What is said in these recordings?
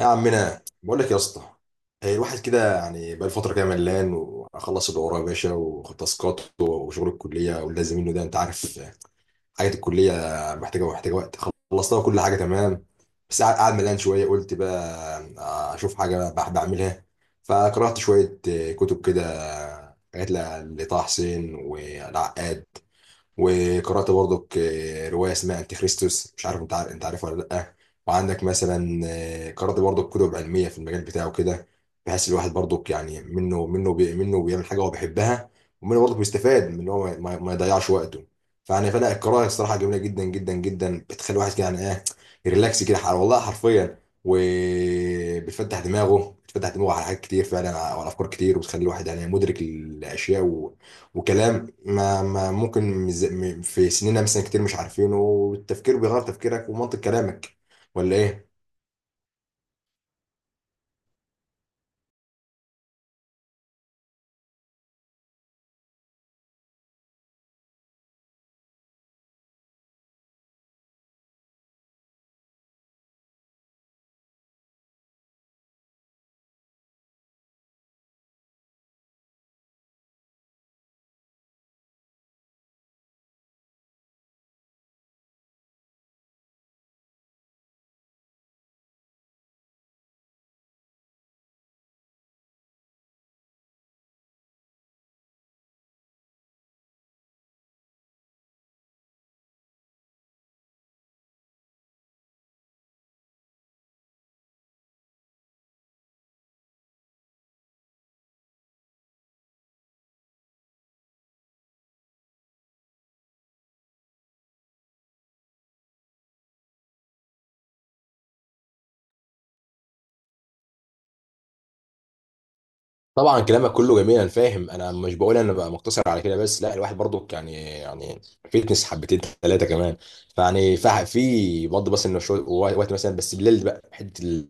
يا عمنا، بقول لك يا اسطى. هي الواحد كده يعني بقى فتره كده ملان واخلص اللي ورايا يا باشا، وتاسكات وشغل الكليه واللازم منه ده، انت عارف. حاجه الكليه محتاجه وقت. خلصتها كل حاجه تمام. بس قاعد ملان شويه قلت بقى اشوف حاجه بعملها فقرات شويه، كتب كده، حاجات لطه حسين والعقاد. وقرأت برضك رواية اسمها أنتي خريستوس، مش عارف أنت عارف أنت عارفها ولا لأ. وعندك مثلا قرأت برضك كتب علمية في المجال بتاعه كده، بحيث الواحد برضك يعني منه بيعمل حاجة هو بيحبها، ومنه برضك بيستفاد من إن هو ما يضيعش وقته. فأنا القراءة الصراحة جميلة جدا جدا جدا، بتخلي الواحد كده يعني إيه، ريلاكس كده، والله حرفيا. وبتفتح دماغه على حاجات كتير، فعلا على أفكار كتير، وتخلي الواحد يعني مدرك الأشياء وكلام ما ممكن في سننا مثلا كتير مش عارفينه، والتفكير بيغير تفكيرك ومنطق كلامك، ولا ايه؟ طبعا كلامك كله جميل، انا فاهم، انا مش بقول انا بقى مقتصر على كده بس، لا الواحد برضو يعني فيتنس حبتين ثلاثه كمان. في برضه، بس انه شويه وقت مثلا، بس بالليل بقى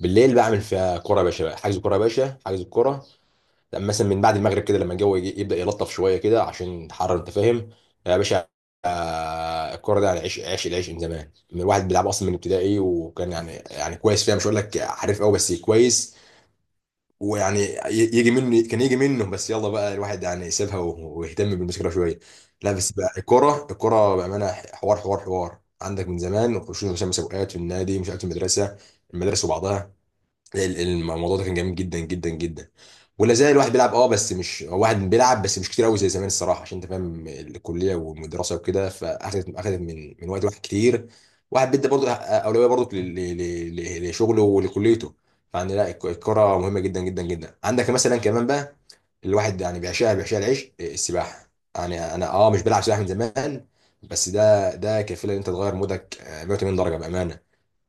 بالليل بعمل فيها كوره يا باشا بقى. حجز كوره يا باشا، حجز الكوره. لما مثلا من بعد المغرب كده، لما الجو يبدا يلطف شويه كده عشان تحرر، انت فاهم يا باشا. الكوره دي يعني، عيش عيش العيش من زمان، من الواحد بيلعب اصلا من ابتدائي، وكان يعني كويس فيها، مش هقول لك حريف قوي بس كويس. ويعني يجي منه كان يجي منه، بس يلا بقى الواحد يعني سابها ويهتم بالمذاكره شويه. لا بس بقى الكوره بامانه حوار حوار حوار عندك من زمان، وخشوا مسابقات في النادي، مش عارف في المدرسه وبعضها. الموضوع ده كان جميل جدا جدا جدا، ولا زال الواحد بيلعب بس مش واحد بيلعب بس مش كتير قوي زي زمان الصراحه، عشان انت فاهم الكليه والدراسه وكده، فاخدت من وقت واحد كتير. واحد بيدي برضه اولويه برضه لشغله ولكليته. فعندنا لا الكره مهمه جدا جدا جدا. عندك مثلا كمان بقى، الواحد يعني بيعشقها العيش. السباحه، يعني انا مش بلعب سباحه من زمان، بس ده كفيل ان انت تغير مودك 180 درجه بامانه.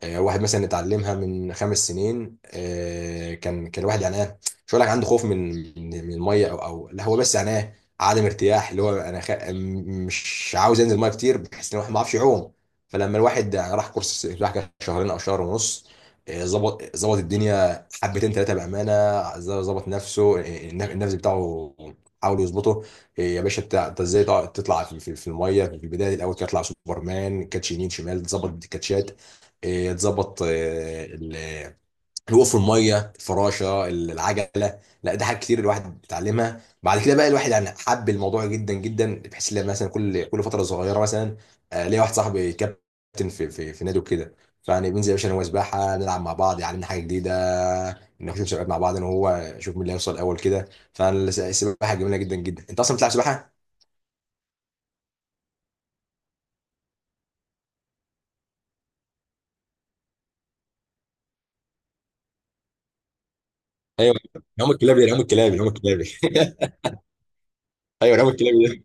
واحد مثلا اتعلمها من 5 سنين. كان الواحد يعني ايه، مش هقول لك عنده خوف من من الميه، او لا، هو بس يعني ايه، عدم ارتياح، اللي هو انا مش عاوز انزل الميه كتير بحيث ان الواحد ما يعرفش يعوم. فلما الواحد يعني راح كورس سباحه كده شهرين او شهر ونص، ظبط الدنيا حبتين ثلاثه بامانه. ظبط نفسه، النفس بتاعه، حاول يظبطه. إيه يا باشا انت ازاي تطلع في الميه في البدايه، الاول تطلع سوبرمان كاتش يمين شمال، تظبط الكاتشات تظبط الوقوف في الميه، الفراشه، العجله. لا ده حاجات كتير الواحد بيتعلمها بعد كده. بقى الواحد يعني حب الموضوع جدا جدا، بحيث ان مثلا كل فتره صغيره مثلا. ليا واحد صاحبي كابتن في نادي وكده، فيعني بننزل يا باشا انا وهو سباحه، نلعب مع بعض، يعلمنا حاجه جديده، نخش مسابقات مع بعض انا وهو، نشوف مين اللي هيوصل اول كده. فالسباحه جميله جدا جدا. انت اصلا بتلعب سباحه؟ ايوه، نعوم الكلابي ده، نعوم الكلابي، نعوم الكلابي. ايوه نعوم الكلابي ده.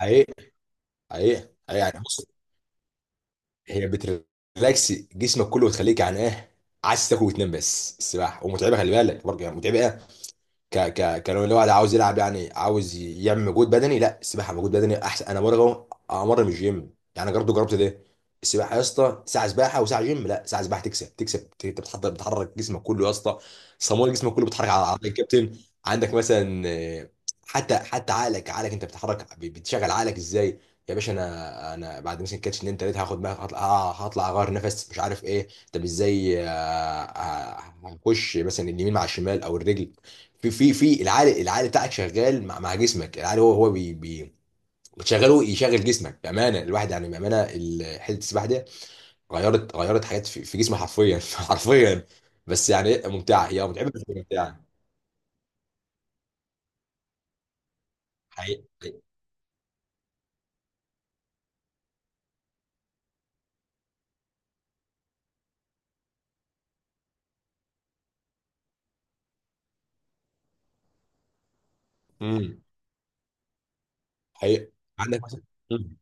حقيقي، حقيقي، حقيقي. يعني بص، هي بتريلاكس جسمك كله وتخليك يعني ايه، عايز تاكل وتنام. بس السباحه ومتعبه، خلي بالك برضه يعني متعبه. ك ك كلو الواحد عاوز يلعب، يعني عاوز يعمل مجهود بدني، لا السباحه مجهود بدني احسن. انا مره امر من الجيم يعني، برضه جربت ده. السباحه يا اسطى، ساعه سباحه وساعه جيم، لا ساعه سباحه تكسب. انت بتحضر، بتحرك جسمك كله يا اسطى، صمول جسمك كله، بتحرك على عضلات الكابتن. عندك مثلا حتى عقلك انت بتحرك، بتشغل عقلك ازاي. يا باشا انا بعد مثلا كاتش اتنين تلاته هاخد بقى، هطلع، هطلع اغير نفس، مش عارف ايه، طب ازاي، هنخش مثلا اليمين مع الشمال او الرجل. في العقل بتاعك شغال مع جسمك، العقل هو هو بي بي بتشغله يشغل جسمك بامانه. الواحد يعني بامانه حته السباحه دي غيرت حاجات في جسمي حرفيا حرفيا. بس يعني ممتعه. هي متعبه بس هي ممتعه. حقيقي، حقيقي. امم حقيقي. عندك مثلا. مم.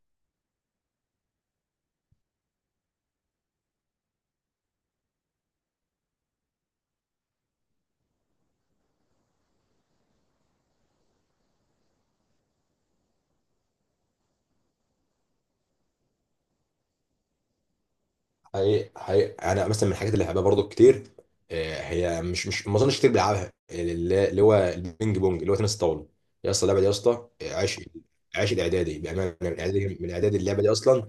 حقيقي، حقيقي، انا مثلا من الحاجات اللي بحبها برضو كتير هي، مش ما اظنش كتير بلعبها، اللي هو البينج بونج، اللي هو تنس الطاوله. يا اسطى اللعبه دي يا اسطى، عشق الاعدادي بامانه، من الاعدادي اللعبه دي اصلا.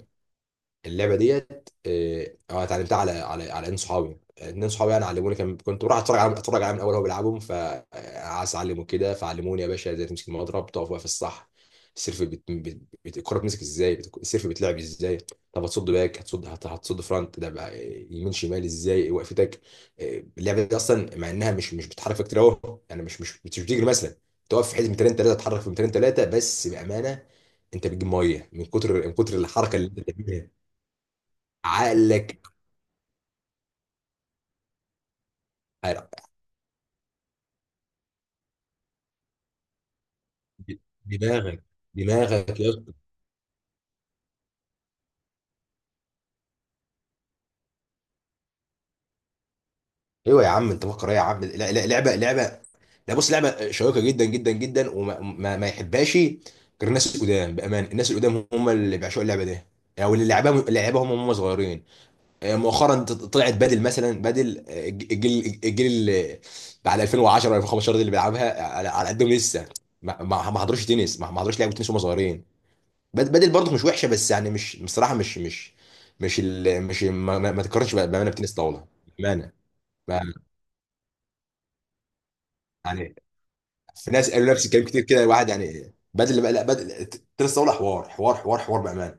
اللعبه ديت اتعلمتها على ان صحابي اتنين صحابي يعني علموني، كان كنت بروح اتفرج عليهم الاول وهو بيلعبهم، فعايز اعلمه كده فعلموني يا باشا ازاي تمسك المضرب، تقف واقف الصح. السيرف الكره بتمسك ازاي، السيرف بيتلعب ازاي، طب هتصد باك، هتصد فرونت ده بقى يمين شمال، ازاي وقفتك، آه، اللعبه دي اصلا، مع انها مش بتحرك كتير اهو، يعني مش بتجري مثلا. تقف في حته 200 3 تتحرك في 200 3 بس بامانه، انت بتجيب ميه من كتر الحركه اللي انت بتعملها. عقلك، دماغك، دماغك يا اسطى. ايوه يا عم، انت فكر ايه يا عم؟ لا لا، لعبه، لعبه. لا بص لعبه شيقه جدا جدا جدا، وما ما, ما يحبهاش غير الناس القدام بامان... الناس القدام هم اللي بيعشقوا اللعبه دي، او اللي لعبها هم صغيرين. مؤخرا طلعت بدل مثلا بدل آه، الجيل اللي بعد 2010 و 2015 ده اللي بيلعبها على قدهم لسه، ما حضروش تنس، ما حضروش لعبه تنس وهم صغيرين. بدل برضه مش وحشه، بس يعني مش بصراحه مش ما تتقارنش بامانه بتنس طاوله بامانه. ما- يعني في ناس قالوا نفس الكلام كتير كده. الواحد يعني بدل بقى لا، بدل تنس طاوله حوار حوار حوار حوار بامانه.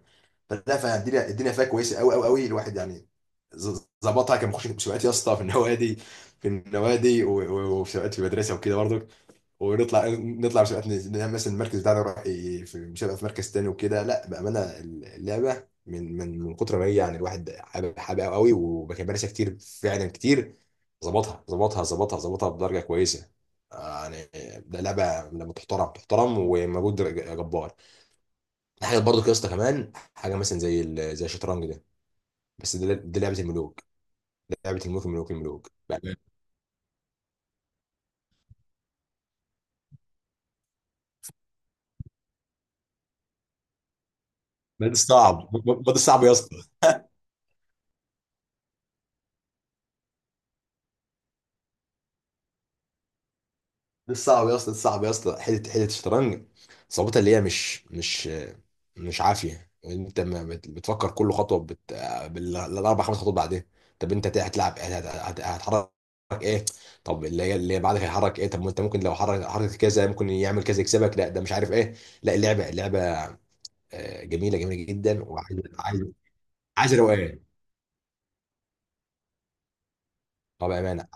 فالدنيا فيها كويسه قوي قوي قوي. الواحد يعني ظبطها، كان بيخش مسابقات يا اسطى في النوادي، في النوادي وفي سباقات في المدرسه وكده برضه. ونطلع مسابقات، نعمل مثلا المركز بتاعنا يروح في مسابقه في مركز تاني وكده. لا بامانه اللعبه من كتر ما هي، يعني الواحد حاببها قوي، وكان مارسها كتير فعلا كتير. ظبطها بدرجه كويسه. يعني ده لعبه لما تحترم تحترم ومجهود جبار. حاجه برضو يا اسطى كمان، حاجه مثلا زي الشطرنج ده، بس ده لعبه الملوك. ده لعبه الملوك الملوك الملوك بقى. ده صعب، ده صعب يا اسطى، ده صعب يا اسطى، ده صعب يا اسطى، حته الشطرنج صعوبتها اللي هي مش عافيه. انت ما بتفكر كل خطوه بالاربع خمس خطوات بعدين. طب انت هتلعب، هتحرك ايه؟ طب اللي بعدك هيحرك ايه؟ طب ما انت ممكن لو حركت كذا ممكن يعمل كذا يكسبك. لا ده مش عارف ايه، لا اللعبه جميله جميله جدا، وعايز عايز عايز روقان. اه بامانه،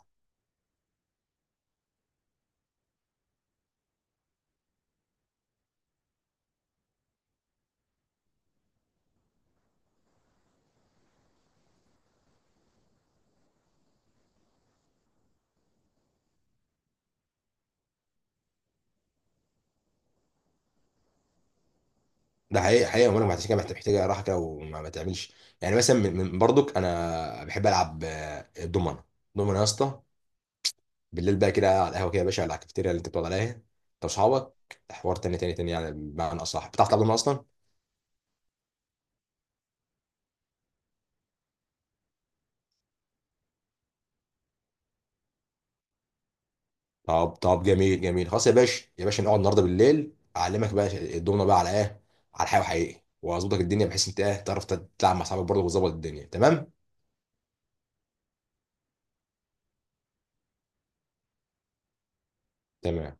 ده حقيقة حقيقة. وانا عشان كده محتاجة راحة كده وما ما تعملش يعني. مثلا من برضك انا بحب العب الدومنة. الدومنة يا اسطى، بالليل بقى كده على القهوة كده يا باشا، على الكافيتيريا اللي انت بتقعد عليها انت واصحابك، حوار تاني تاني تاني يعني. بمعنى اصح، بتعرف تلعب دومنة اصلا؟ طب جميل جميل، خلاص يا باشا، يا باشا نقعد النهارده بالليل اعلمك بقى الدومنة بقى على ايه؟ على الحقيقة، وحقيقي واظبطك الدنيا بحيث انت ايه، تعرف تلعب مع اصحابك برضه وتظبط الدنيا، تمام؟ تمام.